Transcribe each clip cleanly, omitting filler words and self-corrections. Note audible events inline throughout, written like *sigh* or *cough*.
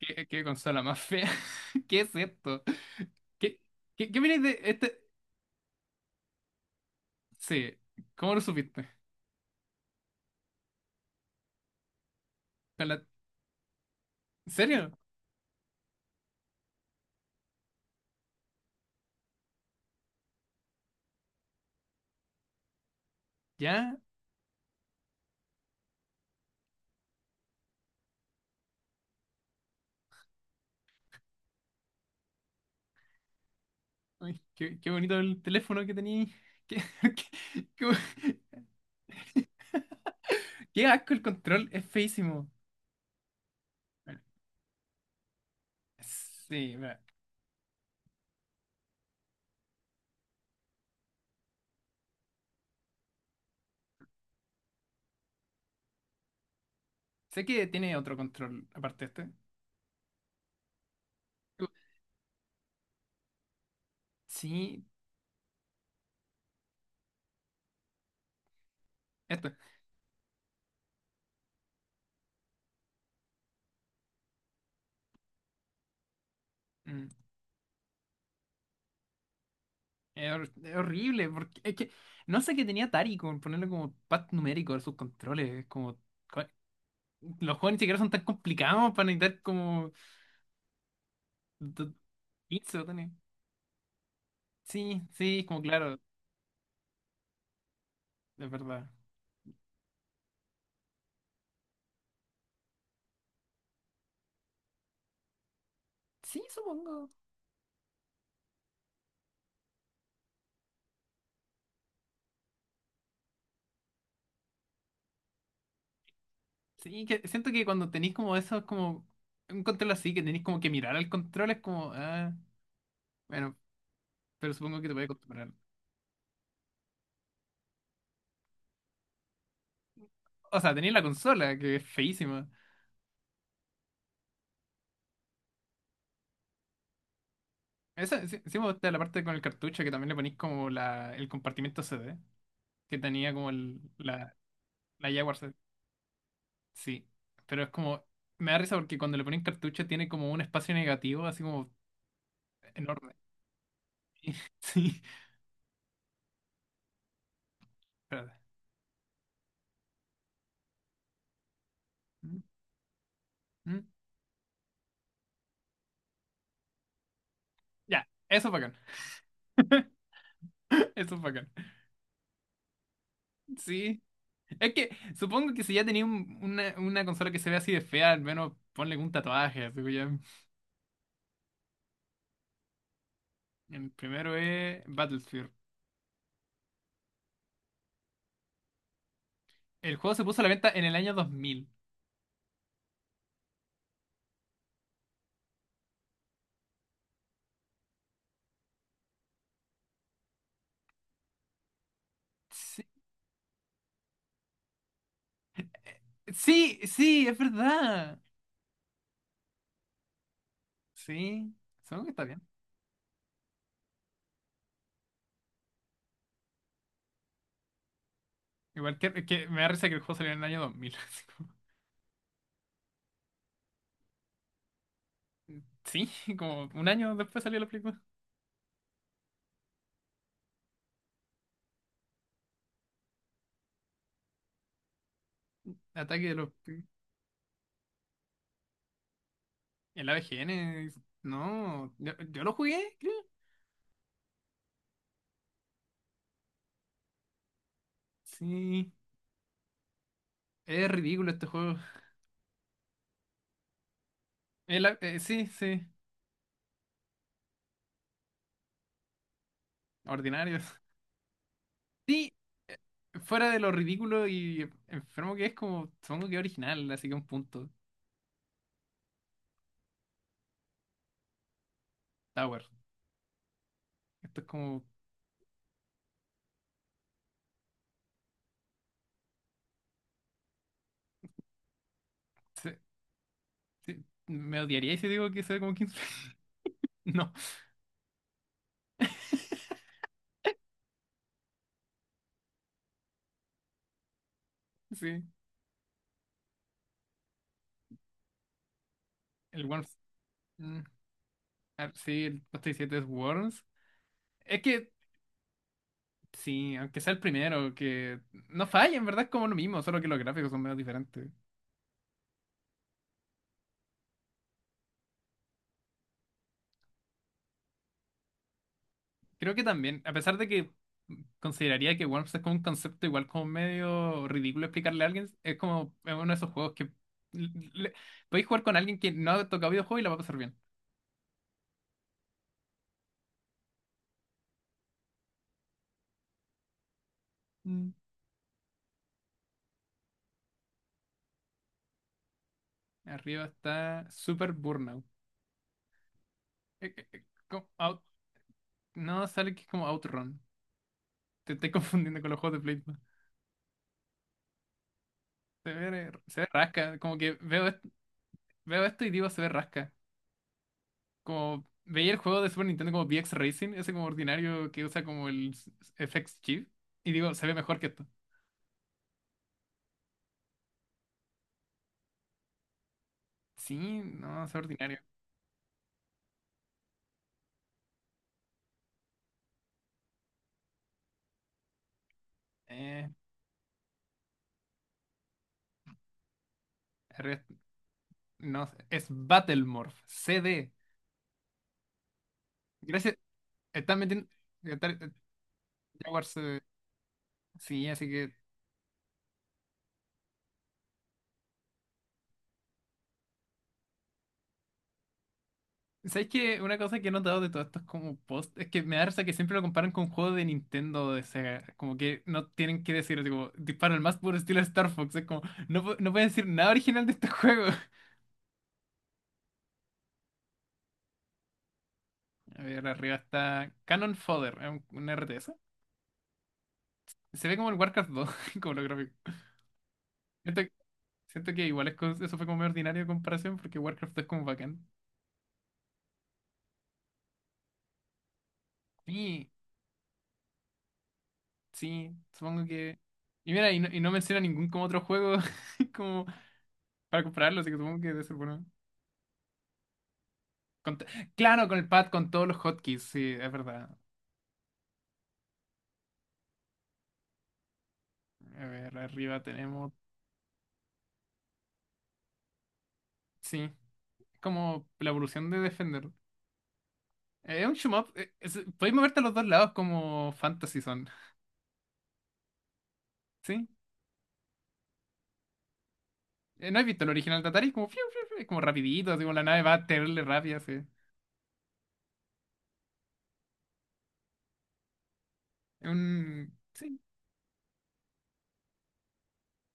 ¿Qué consola más fea? *laughs* ¿Qué es esto? ¿Qué, qué opinas de este? Sí, ¿cómo lo supiste? ¿Con la- ¿En serio? ¿Ya? Ay, qué bonito el teléfono que tenías. ¿Qué? *laughs* qué, qué- qué asco el control, es feísimo. Sí, mira, sé que tiene otro control aparte de este. Sí, esto. Mm. Es horrible, porque es que no sé qué tenía Atari con ponerle como pad numérico a sus controles. Es como. Los juegos ni siquiera son tan complicados para necesitar como do- 15 botones. Sí, sí, como claro, es verdad. Sí, supongo. Sí, que siento que cuando tenéis como eso, es como un control así, que tenéis como que mirar al control, es como, ah, bueno, pero supongo que te puede acostumbrar. O sea, tenéis la consola, que es feísima. Esa, sí, sí me gusta la parte con el cartucho, que también le ponéis como la, el compartimento CD, que tenía como la Jaguar. Sí, pero es como, me da risa porque cuando le ponen cartucho tiene como un espacio negativo, así como enorme. *laughs* Sí, espérate. Mm, mm. Ya, eso es bacán. *laughs* Eso es bacán. Sí, es que supongo que si ya tenía una consola que se ve así de fea, al menos ponle un tatuaje, así que ya. El primero es Battlefield. El juego se puso a la venta en el año 2000. Sí, sí, sí, es verdad. Sí, supongo que está bien. Igual que me da risa que el juego salió en el año 2000. *laughs* Sí, *laughs* como un año después salió la película. Ataque de los... El AVGN. No, yo lo jugué, creo. Sí, es ridículo este juego. Sí, sí, ordinario. *laughs* Sí, eh, fuera de lo ridículo y enfermo que es, como supongo que es original, así que un punto. Tower. Esto es como... se- se- me odiaría si digo que se ve como 15. *laughs* No, sí. El Worms. mm, sí, el 27 es Worms. Es que sí, aunque sea el primero, que no falla, en verdad es como lo mismo, solo que los gráficos son menos diferentes. Creo que también, a pesar de que consideraría que Worms es como un concepto igual como medio ridículo explicarle a alguien, es como es uno de esos juegos que l- le- podéis jugar con alguien que no ha tocado videojuegos y la va a pasar bien. Mm. Arriba está Super Burnout. Como no, sale que es como Outrun. Te estoy *laughs* confundiendo con los juegos de Play. Se ve rasca, como que veo, veo esto y digo se ve rasca. Como veía el juego de Super Nintendo como VX Racing, ese como ordinario que usa como el FX chip, y digo, se ve mejor que esto. Sí, no, es ordinario. Eh, re- no, sé, es Battlemorph, CD. Gracias, están metiendo. está- Jaguars, sí, así que. ¿Sabes qué? Una cosa que he notado de todos estos como posts es que me da risa que siempre lo comparan con juegos de Nintendo o de Sega. Como que no tienen que decir, tipo, dispara el más puro estilo Star Fox. Es como, no, no pueden decir nada original de este *laughs* juego. A ver, arriba está Cannon Fodder, es un R T S. Se ve como el Warcraft 2 *laughs* como lo gráfico. Siento, siento que igual es eso fue como muy ordinario de comparación porque Warcraft 2 es como bacán. Y sí, supongo que... Y mira, y no menciona ningún como otro juego *laughs* como para compararlo, así que supongo que debe ser bueno. Con claro, con el pad, con todos los hotkeys, sí, es verdad. A ver, arriba tenemos... Sí, es como la evolución de Defender. Es un shoot 'em up, podéis moverte a los dos lados como Fantasy Zone, ¿sí? ¿No has visto el original de Atari? Es como, fiu, fiu, fiu, es como rapidito, así como la nave va terrible rápida, así. Es un... sí.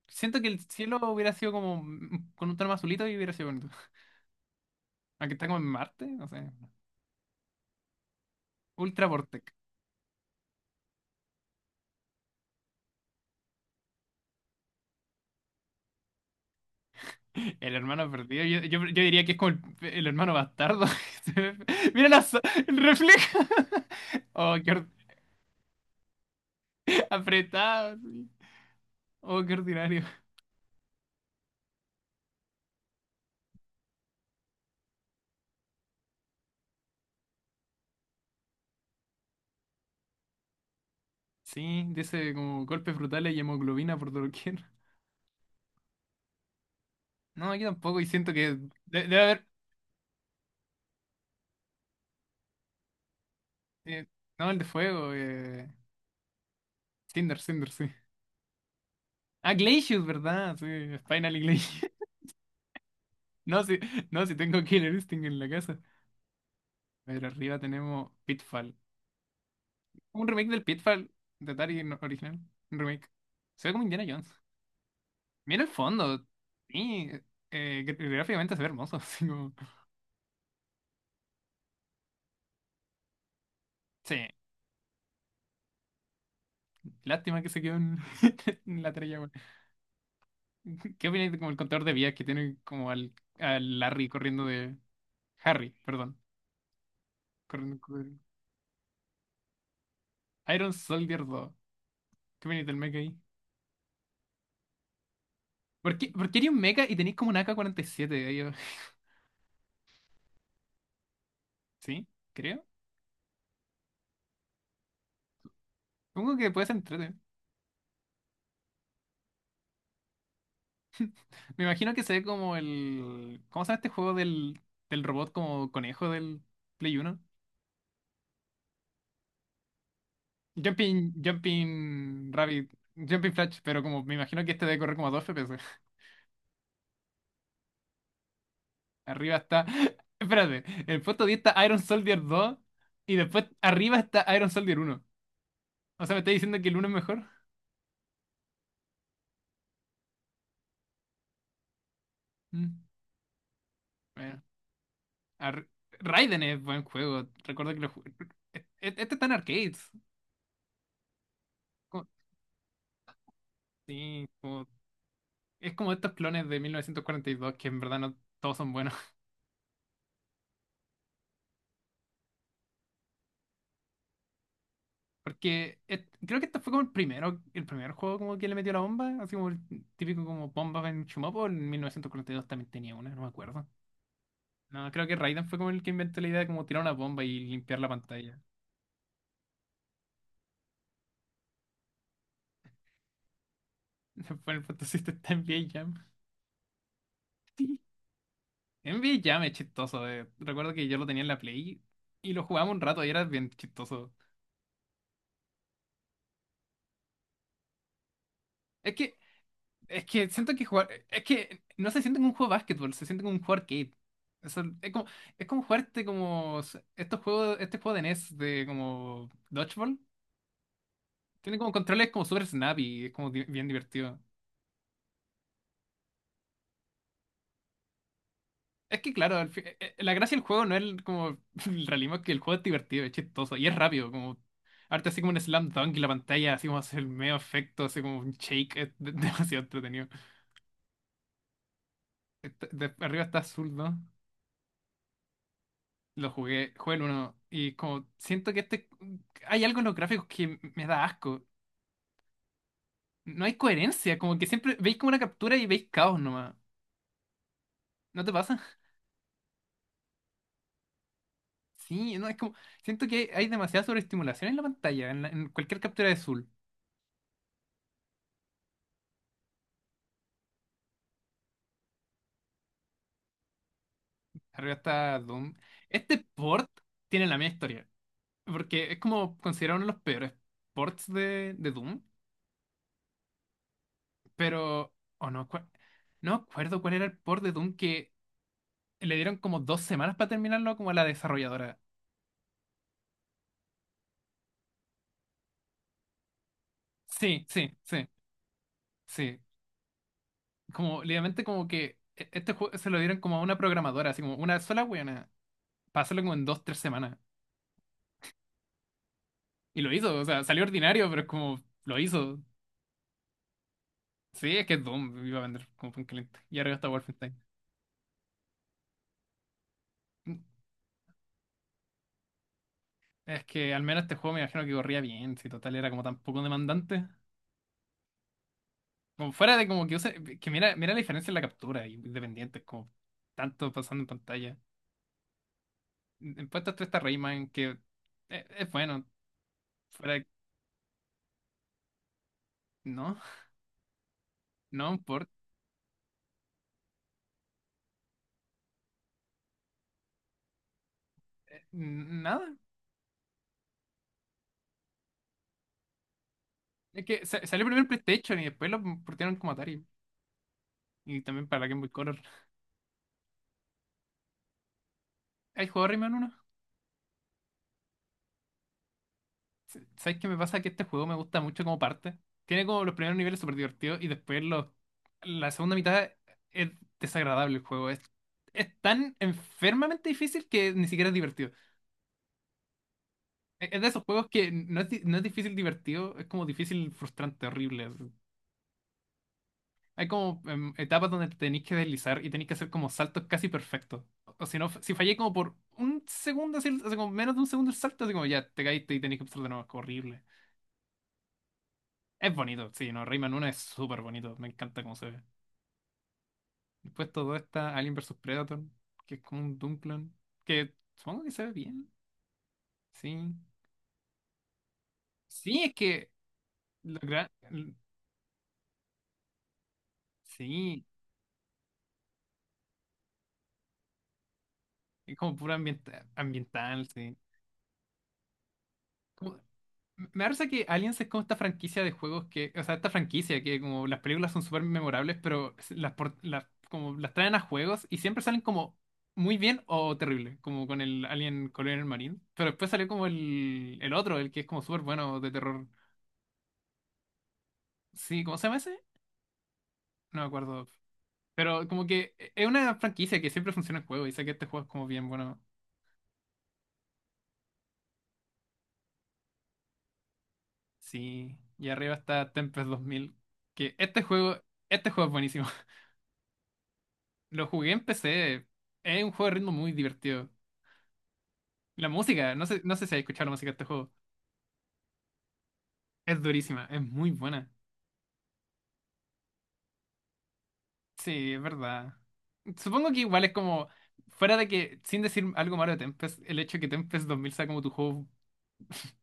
Siento que el cielo hubiera sido como con un tono más azulito y hubiera sido bonito. *laughs* Aunque está como en Marte, no sé. Ultra Vortec. El hermano perdido. Yo, yo diría que es como el hermano bastardo. *laughs* Mira la el reflejo. *laughs* Oh, qué apretado, sí. Oh, qué ordinario. Sí, dice como golpes brutales y hemoglobina por doquier. No, yo tampoco. Y siento que debe haber. Eh, no, el de fuego. Cinder, Cinder, sí. Ah, Glacius, ¿verdad? Sí, Spinal y Glacius. *laughs* No, sí, no, sí tengo Killer Instinct en la casa. A ver, arriba tenemos Pitfall. Un remake del Pitfall de Atari original. Un remake. Se ve como Indiana Jones. Mira el fondo. Sí, gráficamente se ve hermoso. *laughs* Así como... Sí, lástima que se quedó en, *laughs* en la trella. *laughs* ¿Qué opináis de como el contador de vías que tiene como al, al Larry corriendo de... Harry, perdón. Corriendo, corriendo. Iron Soldier 2. ¿Qué opináis del mecha ahí? ¿Por qué haría un mecha y tenéis como un AK-47 ahí abajo? *laughs* ¿Sí? Creo. Supongo que puede ser entrete. Me imagino que se ve como el... ¿Cómo se llama este juego del robot como conejo del Play 1? Jumping, Jumping Rabbit, Jumping Flash, pero como me imagino que este debe correr como a 2 FPS. Arriba está... *laughs* espérate, en el puesto 10 está Iron Soldier 2 y después arriba está Iron Soldier 1. O sea, ¿me estáis diciendo que el uno es mejor? Mm, bueno. Ar- Raiden es buen juego. Recuerdo que lo ju- e- e- este está en arcades. Co- sí, es como estos clones de 1942 que en verdad no todos son buenos. *laughs* Porque creo que este fue como el primero, el primer juego como que le metió la bomba. Así como el típico como bomba en Chumopo. En 1942 también tenía una, no me acuerdo. No, creo que Raiden fue como el que inventó la idea de como tirar una bomba y limpiar la pantalla. *laughs* Fue el Fantasy Star en VIA Jam. Sí. NBA Jam es chistoso. Recuerdo que yo lo tenía en la Play y lo jugaba un rato y era bien chistoso. Es que, es que siento que jugar, es que no se siente como un juego de básquetbol, se siente como un juego arcade. Eso- es como, es como jugarte como estos juegos, este juego de NES de como Dodgeball. Tiene como controles como super snappy, es como bien divertido. Es que claro, la gracia del juego no es como *laughs* el realismo, es que el juego es divertido, es chistoso y es rápido, como arte así como un slam dunk y la pantalla así como hace el medio efecto, así como un shake, es *laughs* demasiado entretenido. Arriba está azul, ¿no? Lo jugué, jugué el uno y como siento que este hay algo en los gráficos que me da asco. No hay coherencia, como que siempre veis como una captura y veis caos nomás. ¿No te pasa? *laughs* Sí, no, es como siento que hay demasiada sobreestimulación en la pantalla, en, en cualquier captura de azul. Arriba está Doom. Este port tiene la misma historia. Porque es como considerado uno de los peores ports de Doom. Pero. O no, no acuerdo cuál era el port de Doom que le dieron como dos semanas para terminarlo como a la desarrolladora. Sí, sí, sí, sí. Como, literalmente como que este juego se lo dieron como a una programadora, así como una sola weona. Para hacerlo como en dos, tres semanas. Y lo hizo, o sea, salió ordinario, pero es como lo hizo. Sí, es que es Doom, iba a vender como pan caliente. Y arriba está Wolfenstein. Es que al menos este juego me imagino que corría bien, si total era como tan poco demandante. Como fuera de como que que mira la diferencia en la captura, y independiente, como tanto pasando en pantalla. En puestos 3 está Rayman, que es bueno, fuera de- no, *laughs* no importa, nada. Es que salió primero el PlayStation y después lo portaron como Atari, y también para la Game Boy Color. ¿Hay jugado Rayman 1? ¿Sabes qué me pasa? Que este juego me gusta mucho como parte. Tiene como los primeros niveles súper divertidos y después la segunda mitad es desagradable el juego. Es tan enfermamente difícil que ni siquiera es divertido. Es de esos juegos que no es difícil divertido, es como difícil frustrante, horrible, así. Hay como etapas donde te tenéis que deslizar y tenéis que hacer como saltos casi perfectos. O si no, si fallé como por un segundo, así, así como menos de un segundo el salto, así como ya te caíste y tenéis que empezar de nuevo. Es horrible. Es bonito, sí, no, Rayman 1 es súper bonito, me encanta cómo se ve. Después todo está Alien vs Predator, que es como un Doom clon, que supongo que se ve bien, sí. Sí, es que lo gra- l- sí, es como puro ambiental, sí. Como- me parece que Aliens es como esta franquicia de juegos que, o sea, esta franquicia que como las películas son súper memorables, pero como las traen a juegos y siempre salen como muy bien o terrible, como con el Alien Colonial Marine. Pero después salió como el otro, el que es como súper bueno de terror. Sí, ¿cómo se llama ese? No me acuerdo. Pero como que es una franquicia que siempre funciona en juego y sé que este juego es como bien bueno. Sí, y arriba está Tempest 2000, que este juego es buenísimo. Lo jugué en PC. Es un juego de ritmo muy divertido. La música, no sé si has escuchado la música de este juego. Es durísima, es muy buena. Sí, es verdad. Supongo que igual es como, fuera de que, sin decir algo malo de Tempest, el hecho de que Tempest 2000 sea como tu juego,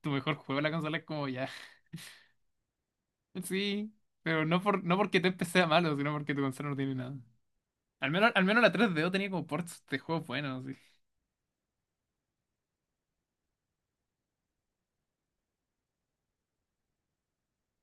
tu mejor juego de la consola es como ya. *laughs* Sí, pero no por, no porque Tempest sea malo, sino porque tu consola no tiene nada. Al menos la 3D o tenía como ports de juegos buenos, sí.